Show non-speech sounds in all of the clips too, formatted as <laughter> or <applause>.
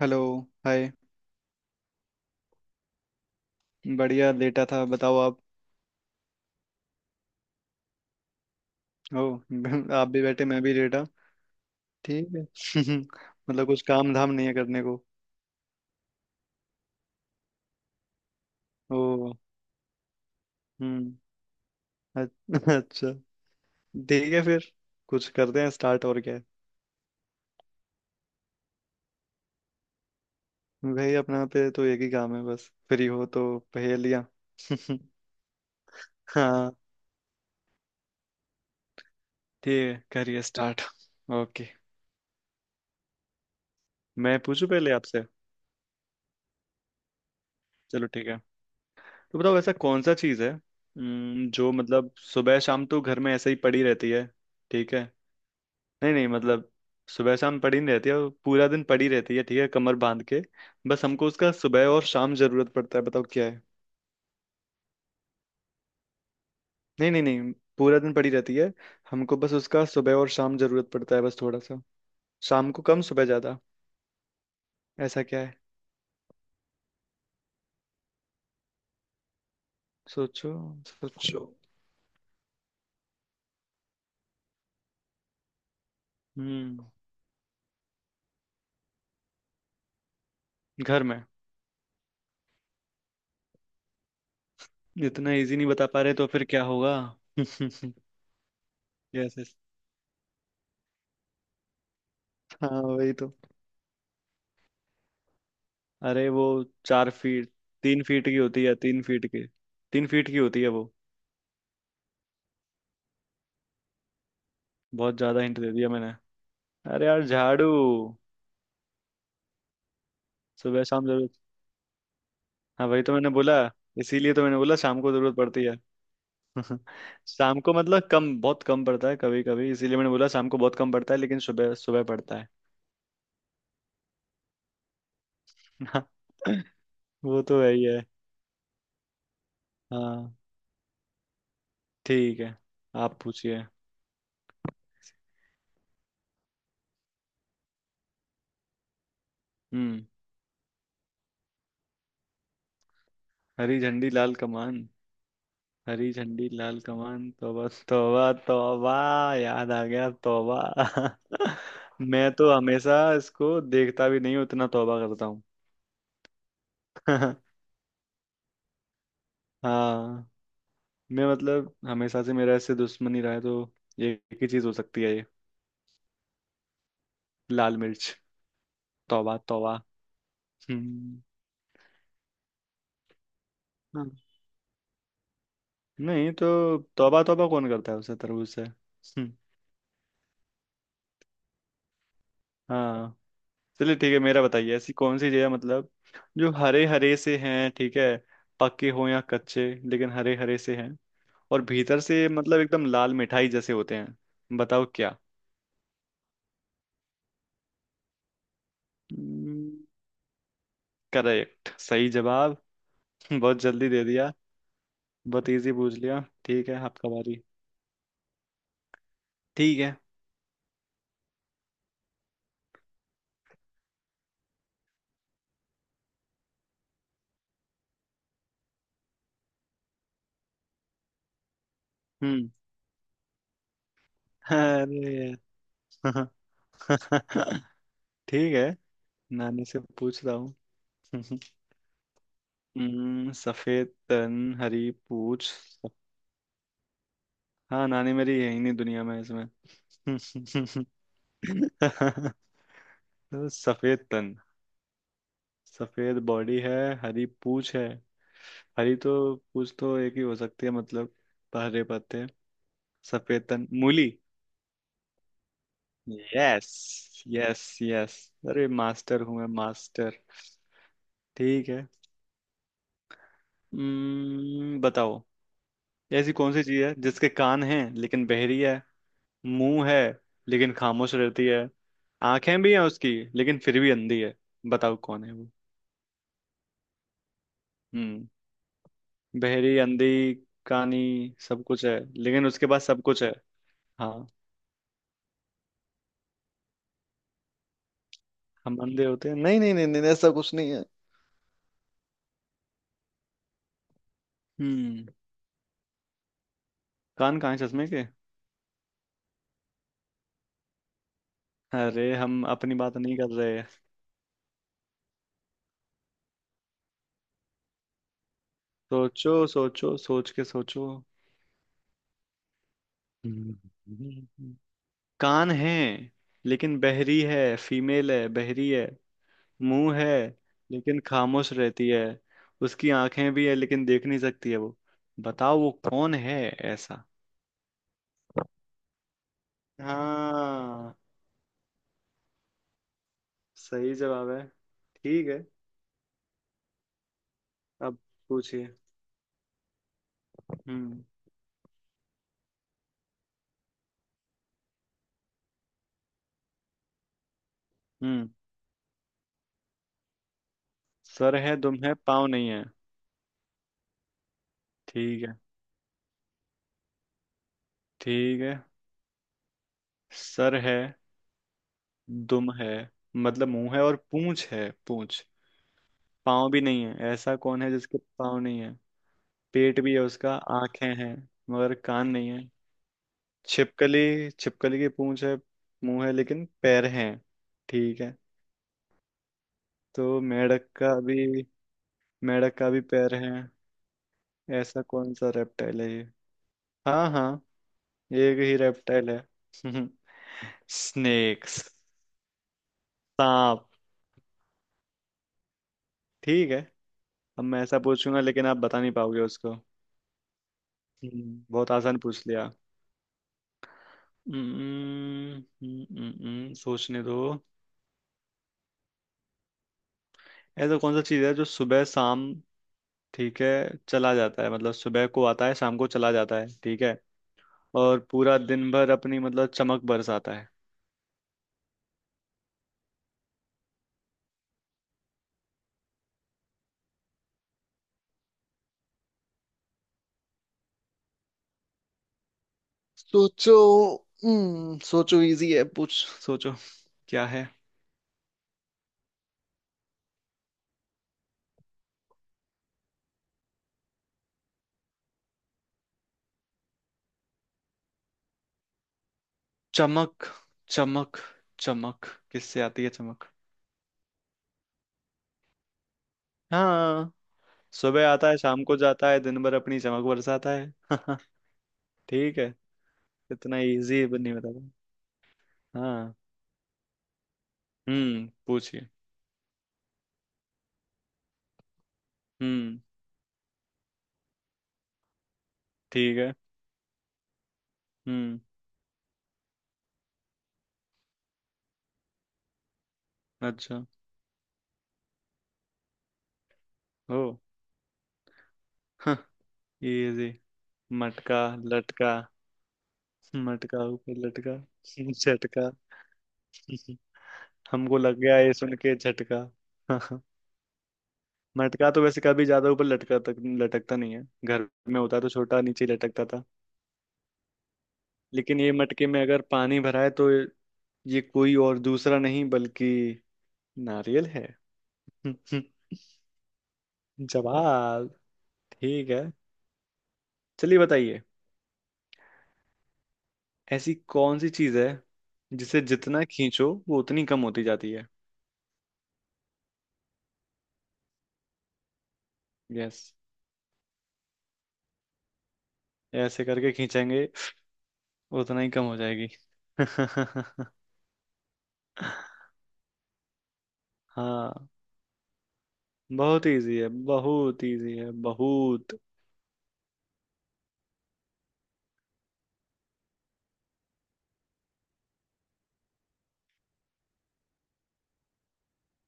Hello. Hi. बढ़िया, लेटा था। बताओ आप। हो। <laughs> आप भी बैठे, मैं भी लेटा। ठीक है। <laughs> मतलब कुछ काम धाम नहीं है करने को। ओ। हम्म। अ- <laughs> अच्छा। ठीक है फिर। कुछ करते हैं स्टार्ट, और क्या है। भाई अपना पे तो एक ही काम है बस, फ्री हो तो। पहेलियाँ। <laughs> हाँ। ठीक है, करिए स्टार्ट। ओके। मैं पूछूं पहले आपसे। चलो ठीक है। तो बताओ, ऐसा कौन सा चीज़ है जो मतलब सुबह शाम तो घर में ऐसे ही पड़ी रहती है। ठीक है। नहीं नहीं, मतलब सुबह शाम पड़ी नहीं रहती है, वो पूरा दिन पड़ी रहती है ठीक है, कमर बांध के। बस हमको उसका सुबह और शाम जरूरत पड़ता है, बताओ क्या है। नहीं नहीं नहीं। पूरा दिन पड़ी रहती है। हमको बस उसका सुबह और शाम जरूरत पड़ता है, बस थोड़ा सा। शाम को कम, सुबह ज्यादा। ऐसा क्या है। सोचो सोचो। हम्म, घर में। इतना इजी नहीं बता पा रहे, तो फिर क्या होगा। <laughs> यस। यस। हाँ वही तो। अरे वो 4 फीट। 3 फीट की होती है, 3 फीट की। 3 फीट की होती है वो। बहुत ज्यादा हिंट दे दिया मैंने। अरे यार, झाड़ू। सुबह शाम जरूरत। हाँ वही तो मैंने बोला। इसीलिए तो मैंने बोला शाम को जरूरत पड़ती है। <laughs> शाम को मतलब कम, बहुत कम पड़ता है, कभी कभी। इसीलिए मैंने बोला शाम को बहुत कम पड़ता है, लेकिन सुबह सुबह पड़ता है। <laughs> वो तो है ही है। हाँ। ठीक है, आप पूछिए। हम्म। हरी झंडी लाल कमान। हरी झंडी लाल कमान, तौबा तौबा तौबा। याद आ गया, तौबा। <laughs> मैं तो हमेशा इसको देखता भी नहीं हूँ, उतना तौबा करता हूँ। <laughs> हाँ। मैं मतलब हमेशा से मेरा ऐसे दुश्मनी रहा है तो। ये एक ही चीज हो सकती है ये। लाल मिर्च। तौबा तौबा। हम्म। हाँ। नहीं तो तौबा तौबा कौन करता है उसे तरबूज से हाँ। चलिए ठीक है, मेरा बताइए। ऐसी कौन सी जगह मतलब, जो हरे हरे से हैं ठीक है, पक्के हो या कच्चे, लेकिन हरे हरे से हैं। और भीतर से मतलब एकदम लाल मिठाई जैसे होते हैं, बताओ क्या। करेक्ट, सही जवाब। <laughs> बहुत जल्दी दे दिया, बहुत इजी पूछ लिया। ठीक है आपका बारी। ठीक है। हम्म। अरे यार। <laughs> ठीक है, नानी से पूछता हूँ। <laughs> हम्म, सफेद तन। हरी पूछ। हाँ, नानी मेरी यही, नहीं दुनिया में इसमें। <laughs> तो सफेद तन। सफेद बॉडी है। हरी पूछ है। हरी तो पूछ तो एक ही हो सकती है मतलब, हरे पत्ते। सफेद तन मूली। Yes yes yes. अरे मास्टर हूँ मैं, मास्टर। ठीक है। बताओ। ऐसी कौन सी चीज है जिसके कान हैं लेकिन बहरी है। मुंह है, लेकिन खामोश रहती है। आंखें भी हैं उसकी, लेकिन फिर भी अंधी है। बताओ कौन है वो। हम्म। बहरी, अंधी, कानी। सब कुछ है, लेकिन उसके पास सब कुछ है। हाँ। हम अंधे होते हैं, नहीं नहीं नहीं नहीं, ऐसा कुछ नहीं है। हम्म। कान कहाँ है चश्मे के। अरे, हम अपनी बात नहीं कर रहे। सोचो सोचो, सोच के सोचो। हम्म। कान है, लेकिन बहरी है। फीमेल है, बहरी है। मुंह है, लेकिन खामोश रहती है। उसकी आंखें भी है, लेकिन देख नहीं सकती है वो। बताओ वो कौन है, ऐसा। हाँ, सही जवाब है। ठीक है। अब पूछिए। हम्म। हम्म। सर है, दुम है, पाँव नहीं है। ठीक है। ठीक है। सर है, दुम है, मतलब मुंह है और पूंछ है, पूंछ। पाँव भी नहीं है, ऐसा कौन है जिसके पाँव नहीं है। पेट भी है उसका, आंखें हैं, मगर कान नहीं है। छिपकली, छिपकली की पूंछ है, मुंह है, लेकिन पैर हैं। ठीक है। तो मेंढक का भी, मेंढक का भी पैर है। ऐसा कौन सा रेप्टाइल है ये। हाँ हाँ, एक ही रेप्टाइल है। <laughs> स्नेक्स। सांप। ठीक है। अब मैं ऐसा पूछूंगा, लेकिन आप बता नहीं पाओगे उसको। बहुत आसान पूछ लिया। हम्म, सोचने दो। ऐसा कौन सा चीज है जो सुबह शाम ठीक है चला जाता है, मतलब सुबह को आता है, शाम को चला जाता है ठीक है। और पूरा दिन भर अपनी मतलब चमक बरसाता है। सोचो। हम्म, सोचो, इजी है पूछ। सोचो, क्या है। चमक, चमक, चमक किससे आती है, चमक। हाँ। सुबह आता है, शाम को जाता है, दिन भर अपनी चमक बरसाता है। <laughs> ठीक है। इतना इजी नहीं बता पाया। हाँ। हम्म, पूछिए। हम्म। ठीक है। हम्म। अच्छा। हो। <laughs> इजी। मटका, लटका, मटका ऊपर लटका, झटका। हमको लग गया ये सुन के झटका। <laughs> मटका तो वैसे कभी ज्यादा ऊपर लटका तक लटकता नहीं है, घर में होता तो छोटा नीचे लटकता था। लेकिन ये मटके में अगर पानी भरा है, तो ये कोई और दूसरा नहीं, बल्कि नारियल है। <laughs> जवाब। ठीक है। चलिए बताइए, ऐसी कौन सी चीज है जिसे जितना खींचो वो उतनी कम होती जाती है। यस। ऐसे करके खींचेंगे, उतना ही कम हो जाएगी। <laughs> हाँ। बहुत इजी है, बहुत इजी है, बहुत।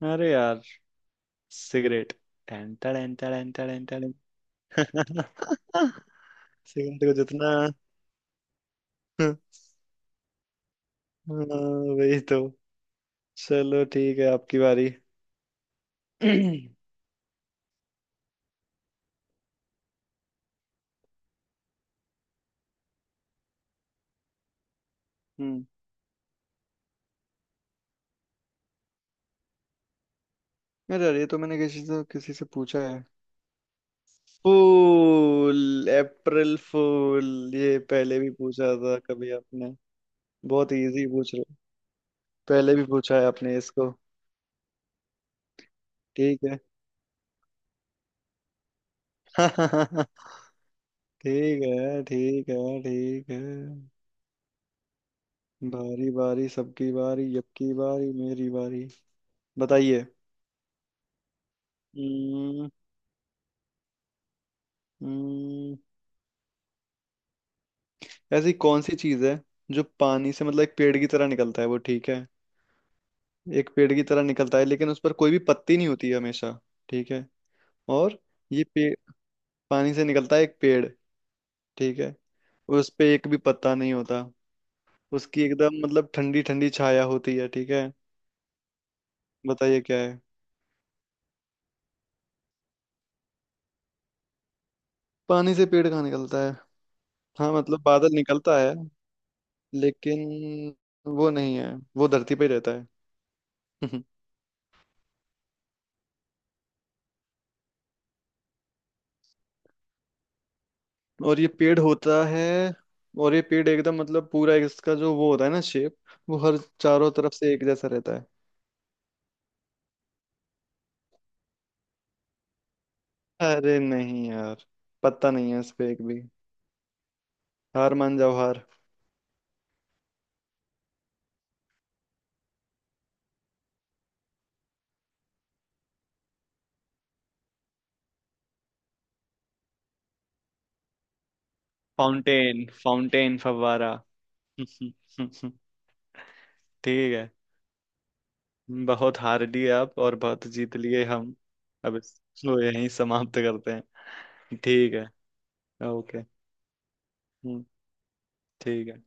अरे यार, सिगरेट। टन टन टन टन टन। <laughs> सिगरेट को जितना। हाँ, वही तो। चलो ठीक है, आपकी बारी। <clears throat> हम्म। अरे यार, ये तो मैंने किसी से पूछा है। फूल, अप्रैल फूल। ये पहले भी पूछा था कभी आपने। बहुत इजी पूछ रहे हो। पहले भी पूछा है आपने इसको। ठीक है। <laughs> ठीक है। ठीक है। ठीक है। बारी बारी सबकी बारी, यबकी बारी मेरी बारी। बताइए। हम्म, हम्म, ऐसी कौन सी चीज है जो पानी से मतलब एक पेड़ की तरह निकलता है वो, ठीक है। एक पेड़ की तरह निकलता है, लेकिन उस पर कोई भी पत्ती नहीं होती है हमेशा। ठीक है। और ये पेड़ पानी से निकलता है, एक पेड़, ठीक है। उस पे एक भी पत्ता नहीं होता। उसकी एकदम मतलब ठंडी ठंडी छाया होती है, ठीक है। बताइए क्या है। पानी से पेड़ कहाँ निकलता है। हाँ मतलब बादल निकलता है, लेकिन वो नहीं है, वो धरती पे ही रहता है। <laughs> और ये पेड़ होता है, और ये पेड़ एकदम मतलब पूरा इसका जो वो होता है ना, शेप, वो हर चारों तरफ से एक जैसा रहता है। अरे नहीं यार, पता नहीं है, इस पे एक भी। हार मान जाओ, हार। फाउंटेन, फाउंटेन, फव्वारा। <laughs> ठीक है। बहुत हार लिए आप, और बहुत जीत लिए हम। अब इसको यहीं समाप्त करते हैं। ठीक है। ओके। हम्म, ठीक है।